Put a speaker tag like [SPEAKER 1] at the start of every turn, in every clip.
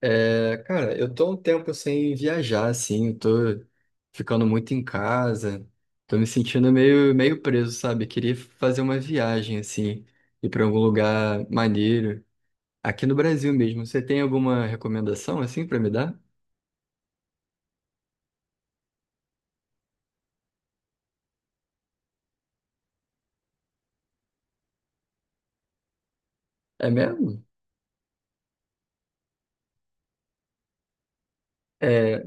[SPEAKER 1] É, cara, eu tô um tempo sem viajar, assim, eu tô ficando muito em casa, tô me sentindo meio preso, sabe? Queria fazer uma viagem, assim, ir pra algum lugar maneiro, aqui no Brasil mesmo. Você tem alguma recomendação, assim, pra me dar? É mesmo? É,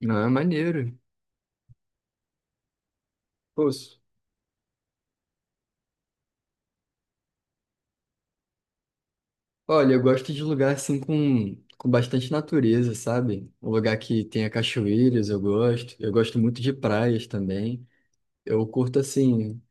[SPEAKER 1] não, é maneiro. Pô, olha, eu gosto de lugar, assim, com bastante natureza, sabe? Um lugar que tenha cachoeiras, eu gosto. Eu gosto muito de praias também. Eu curto, assim...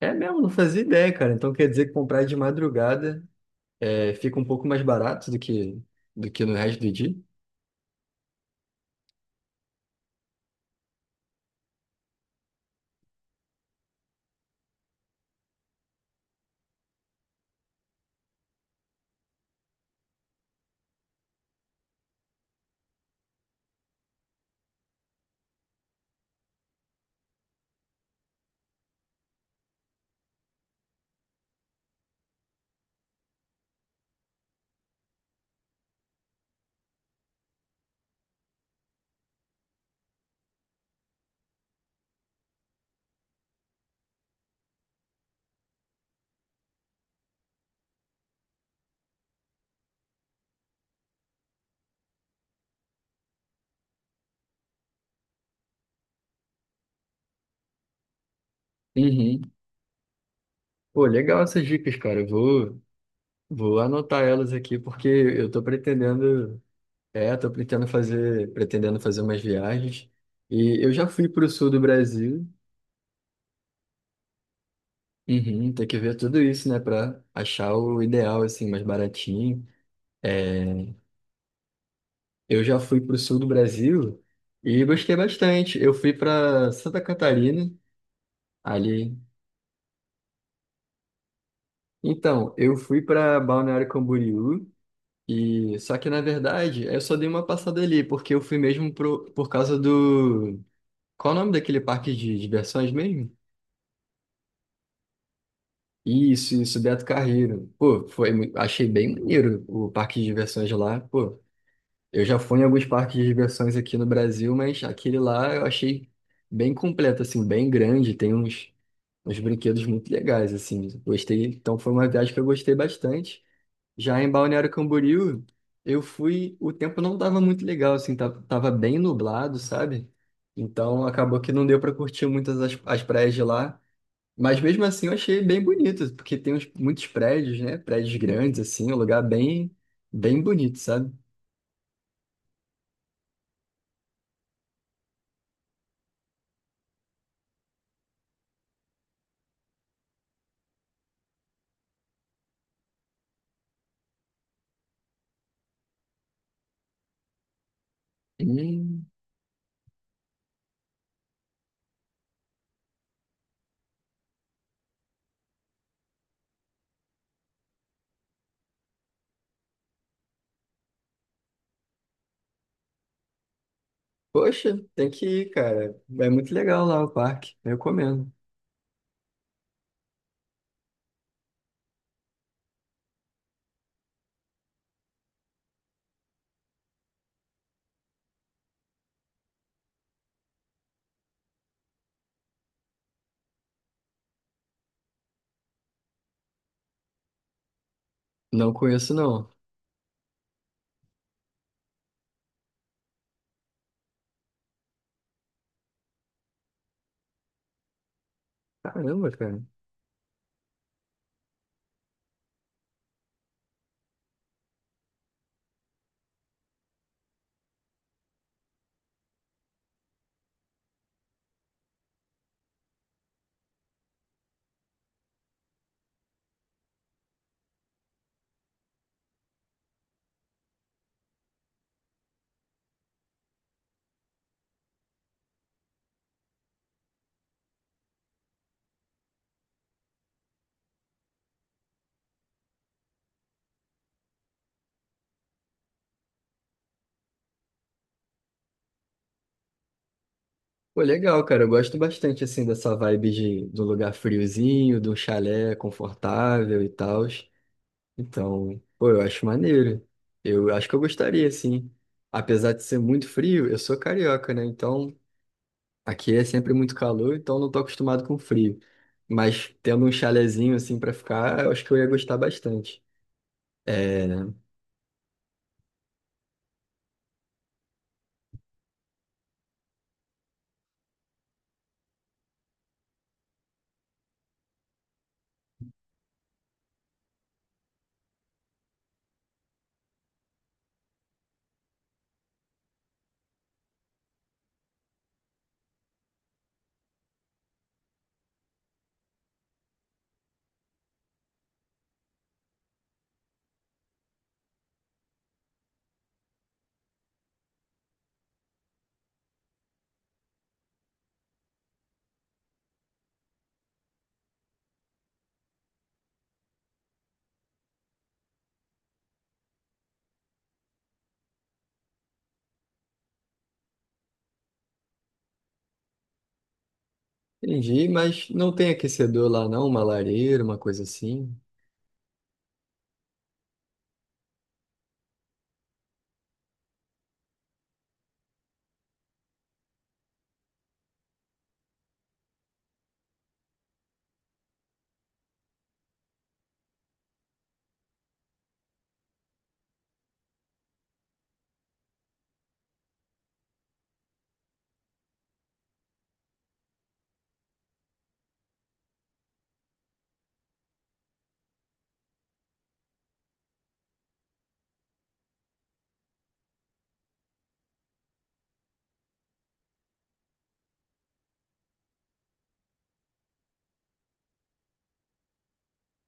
[SPEAKER 1] É mesmo, não fazia ideia, cara. Então quer dizer que comprar de madrugada é, fica um pouco mais barato do que no resto do dia? Uhum. Pô, legal essas dicas, cara. Eu vou anotar elas aqui porque eu tô pretendendo, é, tô pretendendo fazer umas viagens. E eu já fui pro sul do Brasil. Uhum, tem que ver tudo isso, né, pra achar o ideal, assim, mais baratinho. É, eu já fui pro sul do Brasil e gostei bastante. Eu fui pra Santa Catarina. Ali. Então, eu fui para Balneário Camboriú e só que na verdade eu só dei uma passada ali porque eu fui mesmo pro, por causa do qual o nome daquele parque de diversões mesmo? Isso, Beto Carreiro. Pô, foi, achei bem maneiro o parque de diversões lá. Pô, eu já fui em alguns parques de diversões aqui no Brasil, mas aquele lá eu achei bem completo, assim, bem grande. Uns brinquedos muito legais, assim. Gostei. Então foi uma viagem que eu gostei bastante. Já em Balneário Camboriú, eu fui, o tempo não estava muito legal, assim, tava bem nublado, sabe? Então acabou que não deu para curtir muitas as praias de lá. Mas mesmo assim eu achei bem bonito, porque muitos prédios, né? Prédios grandes, assim, um lugar bem, bem bonito, sabe? E, poxa, tem que ir, cara. É muito legal lá o parque, eu recomendo. Não conheço, não. Caramba, cara. Pô, legal, cara. Eu gosto bastante, assim, dessa vibe de um lugar friozinho, de um chalé confortável e tal. Então, pô, eu acho maneiro. Eu acho que eu gostaria, assim. Apesar de ser muito frio, eu sou carioca, né? Então, aqui é sempre muito calor, então não tô acostumado com frio. Mas tendo um chalezinho, assim, pra ficar, eu acho que eu ia gostar bastante. É, entendi, mas não tem aquecedor lá, não? Uma lareira, uma coisa assim?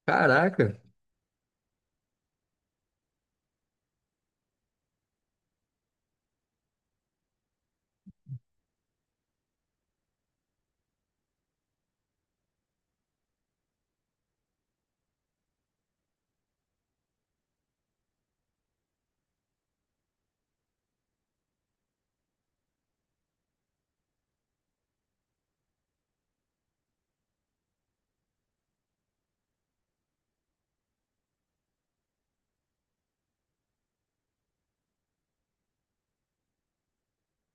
[SPEAKER 1] Caraca!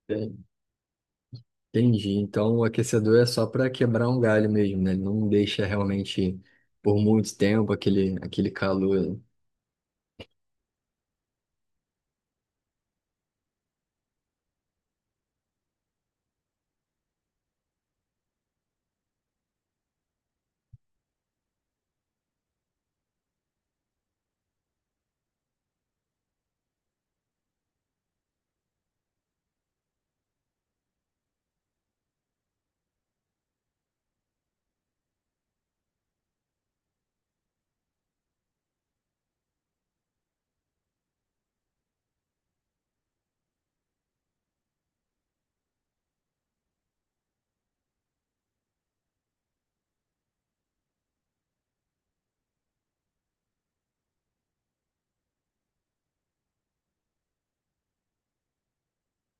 [SPEAKER 1] É. Entendi. Então o aquecedor é só para quebrar um galho mesmo, né? Ele não deixa realmente por muito tempo aquele, aquele calor.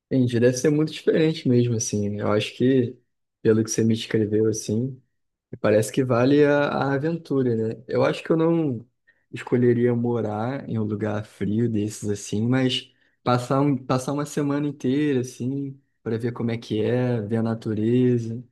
[SPEAKER 1] Entendi. Deve ser muito diferente mesmo, assim. Eu acho que, pelo que você me escreveu, assim, parece que vale a aventura, né? Eu acho que eu não escolheria morar em um lugar frio desses, assim, mas passar, um, passar uma semana inteira, assim, para ver como é que é, ver a natureza.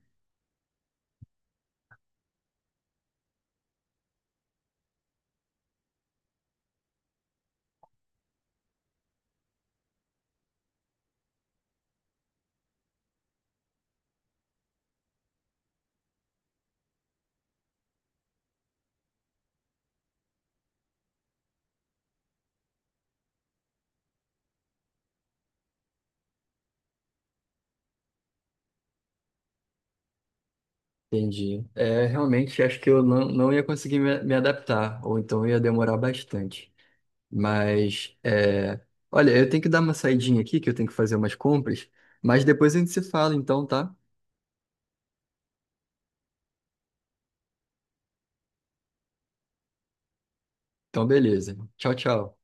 [SPEAKER 1] Entendi. É, realmente acho que eu não ia conseguir me adaptar, ou então ia demorar bastante. Mas, é, olha, eu tenho que dar uma saidinha aqui, que eu tenho que fazer umas compras, mas depois a gente se fala, então, tá? Então, beleza. Tchau, tchau.